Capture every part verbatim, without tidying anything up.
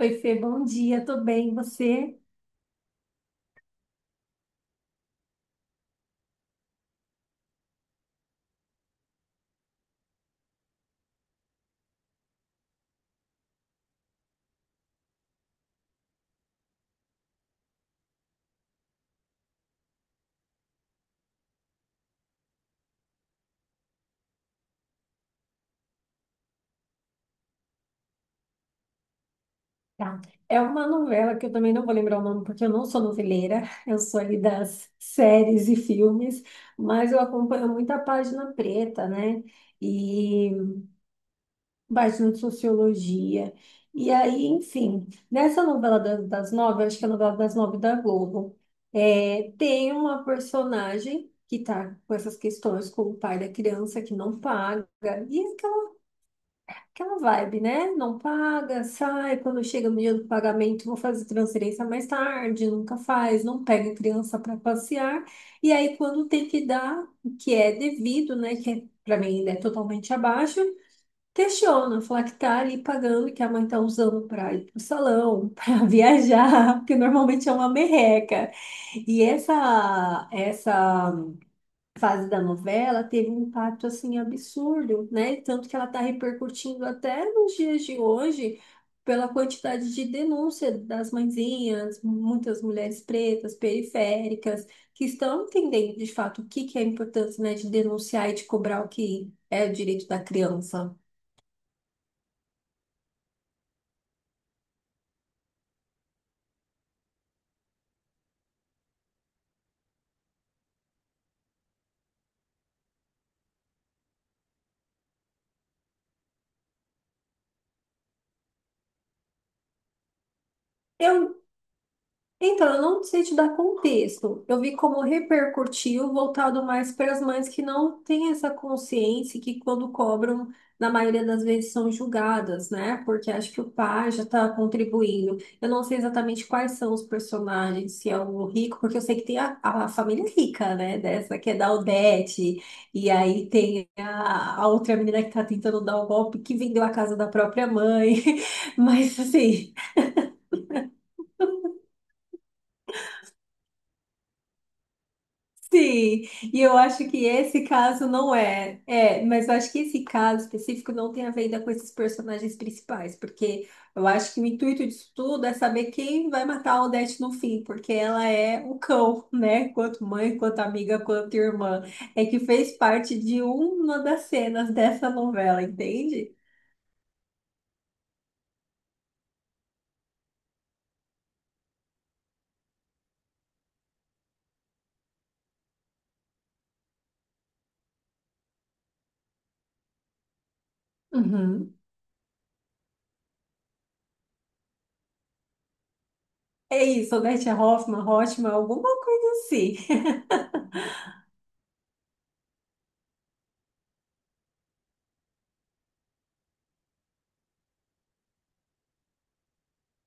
Oi, Fê, bom dia, tô bem, e você? Tá. É uma novela que eu também não vou lembrar o nome, porque eu não sou noveleira, eu sou ali das séries e filmes, mas eu acompanho muita página preta, né? E página de sociologia. E aí, enfim, nessa novela das, das nove, eu acho que é a novela das nove da Globo, é, tem uma personagem que tá com essas questões com o pai da criança que não paga, e aquela vibe, né? Não paga, sai, quando chega no dia do pagamento, vou fazer transferência mais tarde, nunca faz, não pega a criança para passear. E aí, quando tem que dar, o que é devido, né? Que é, para mim ainda é totalmente abaixo, questiona, fala que tá ali pagando, que a mãe tá usando para ir pro salão, para viajar, porque normalmente é uma merreca. E essa, essa fase da novela teve um impacto assim absurdo, né? Tanto que ela está repercutindo até nos dias de hoje pela quantidade de denúncia das mãezinhas, muitas mulheres pretas, periféricas, que estão entendendo de fato o que que é a importância, né, de denunciar e de cobrar o que é o direito da criança. Eu Então, eu não sei te dar contexto. Eu vi como repercutiu, voltado mais para as mães que não têm essa consciência que quando cobram, na maioria das vezes são julgadas, né? Porque acho que o pai já está contribuindo. Eu não sei exatamente quais são os personagens, se é o rico, porque eu sei que tem a, a família rica, né? Dessa que é da Aldete, e aí tem a, a outra menina que está tentando dar o golpe, que vendeu a casa da própria mãe. Mas assim. Sim, e eu acho que esse caso não é. É, mas eu acho que esse caso específico não tem a ver ainda com esses personagens principais, porque eu acho que o intuito disso tudo é saber quem vai matar a Odete no fim, porque ela é o cão, né? Quanto mãe, quanto amiga, quanto irmã. É que fez parte de uma das cenas dessa novela, entende? Uhum. É isso, Odete Hoffmann, Hoffmann, alguma coisa assim.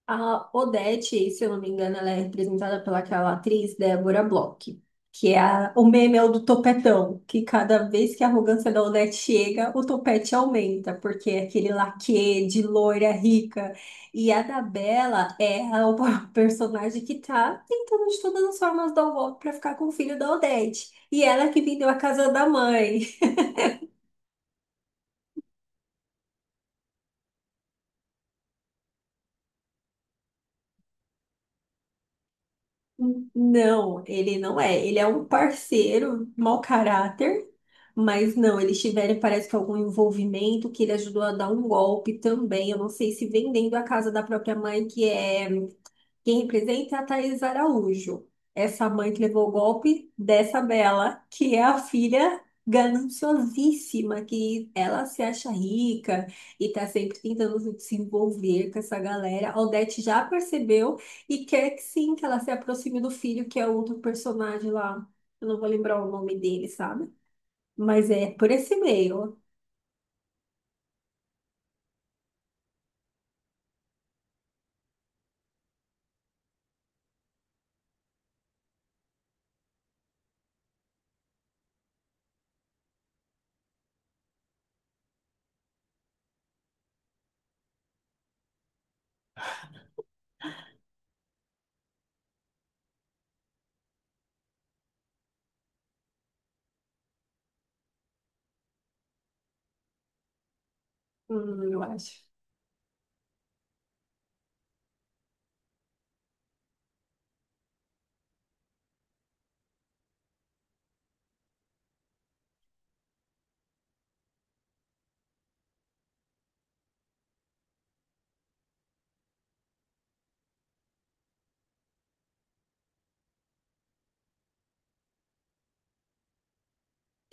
A Odete, se eu não me engano, ela é representada pelaquela atriz Débora Bloch, que é a- o meme é o do topetão, que cada vez que a arrogância da Odete chega, o topete aumenta, porque é aquele laquê de loira rica. E a da Bela é a o personagem que tá tentando de todas as formas dar o golpe pra ficar com o filho da Odete. E ela que vendeu a casa da mãe. Não, ele não é. Ele é um parceiro, mau caráter, mas não, eles tiveram, parece que algum envolvimento que ele ajudou a dar um golpe também. Eu não sei se vendendo a casa da própria mãe, que é. Quem representa é a Thaís Araújo, essa mãe que levou o golpe dessa Bela, que é a filha gananciosíssima, que ela se acha rica e tá sempre tentando se desenvolver com essa galera. A Odete já percebeu e quer que sim, que ela se aproxime do filho, que é outro personagem lá. Eu não vou lembrar o nome dele, sabe? Mas é por esse meio, hum, eu acho.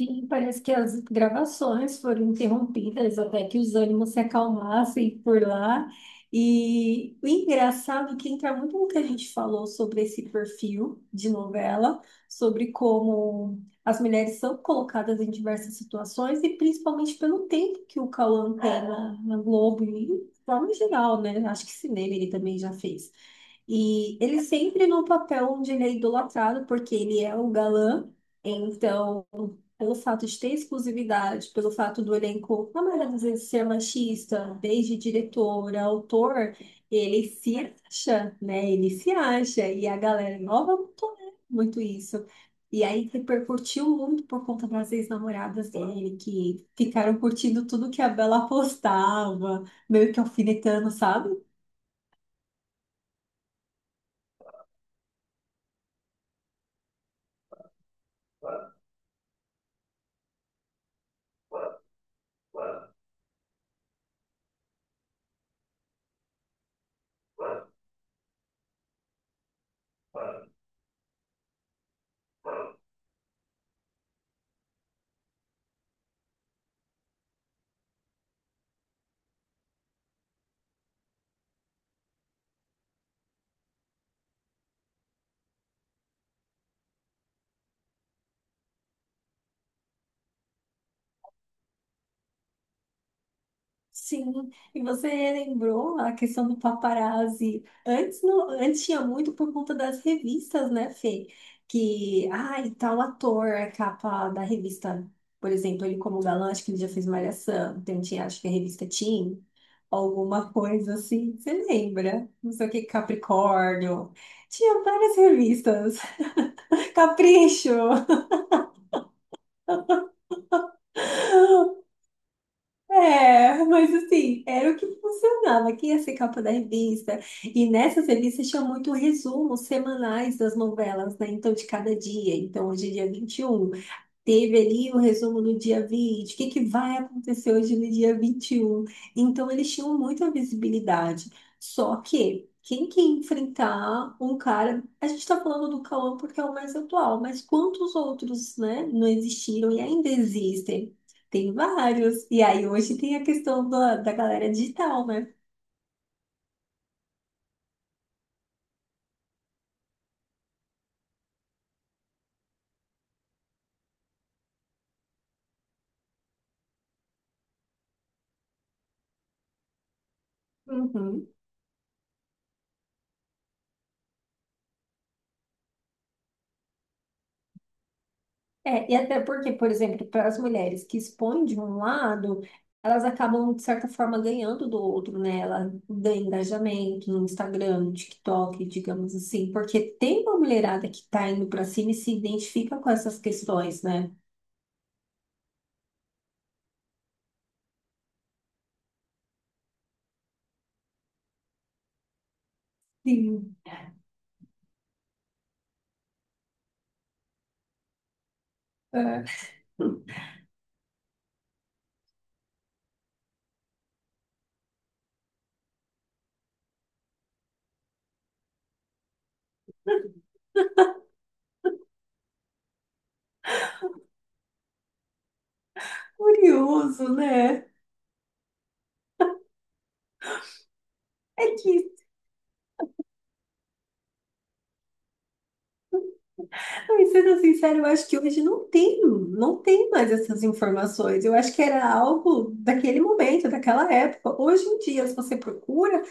Sim, parece que as gravações foram interrompidas até que os ânimos se acalmassem por lá. E o engraçado é que entra muito no que a gente falou sobre esse perfil de novela, sobre como as mulheres são colocadas em diversas situações e principalmente pelo tempo que o Cauã tem na, na Globo e de forma geral, né? Acho que cinema ele também já fez. E ele sempre no papel onde ele é idolatrado, porque ele é o galã. Então, pelo fato de ter exclusividade, pelo fato do elenco, na maioria das vezes, ser machista, desde diretor, autor, ele se acha, né? Ele se acha. E a galera nova não tolera muito isso. E aí repercutiu muito por conta das ex-namoradas dele, que ficaram curtindo tudo que a Bela postava, meio que alfinetando, sabe? Sim, e você lembrou a questão do paparazzi. Antes, não, antes tinha muito por conta das revistas, né, Fê? Que, ai, tal ator, a capa da revista, por exemplo, ele como galã, acho que ele já fez Malhação, então tinha, acho que a revista Teen, alguma coisa assim, você lembra? Não sei o que, Capricórnio. Tinha várias revistas. Capricho! É, mas assim, era o que funcionava, que ia ser capa da revista. E nessas revistas tinha muito resumos semanais das novelas, né? Então, de cada dia. Então, hoje é dia vinte e um. Teve ali o resumo no dia vinte, o que que vai acontecer hoje no dia vinte e um. Então, eles tinham muita visibilidade. Só que, quem que ia enfrentar um cara... A gente está falando do Cauã porque é o mais atual, mas quantos outros, né, não existiram e ainda existem? Tem vários. E aí, hoje tem a questão da, da galera digital, né? Uhum. É, e até porque, por exemplo, para as mulheres que expõem de um lado, elas acabam, de certa forma, ganhando do outro, né? Ela ganha engajamento no Instagram, no TikTok, digamos assim, porque tem uma mulherada que está indo para cima e se identifica com essas questões, né? Sim. É. Curioso, né? É que, ai, Sendo sincero, eu acho que hoje não tem, não tem mais essas informações. Eu acho que era algo daquele momento, daquela época. Hoje em dia, se você procura,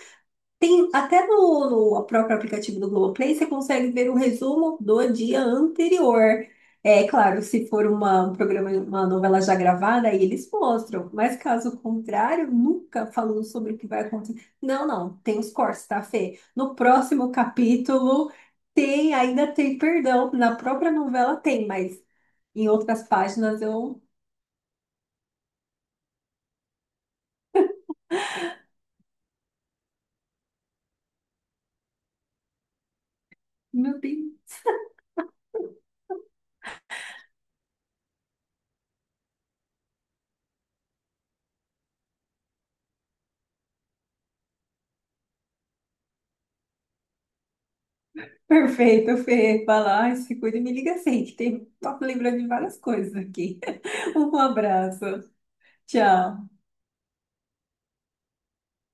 tem até no, no próprio aplicativo do Globoplay, você consegue ver o resumo do dia anterior. É claro, se for uma, um programa, uma novela já gravada, aí eles mostram. Mas caso contrário, nunca falando sobre o que vai acontecer. Não, não, tem os cortes, tá, Fê? No próximo capítulo tem, ainda tem perdão. Na própria novela tem, mas em outras páginas eu. Meu Deus. Perfeito, Fê. Vai lá, se cuida e me liga assim, que tem, tô lembrando de várias coisas aqui. Um abraço. Tchau.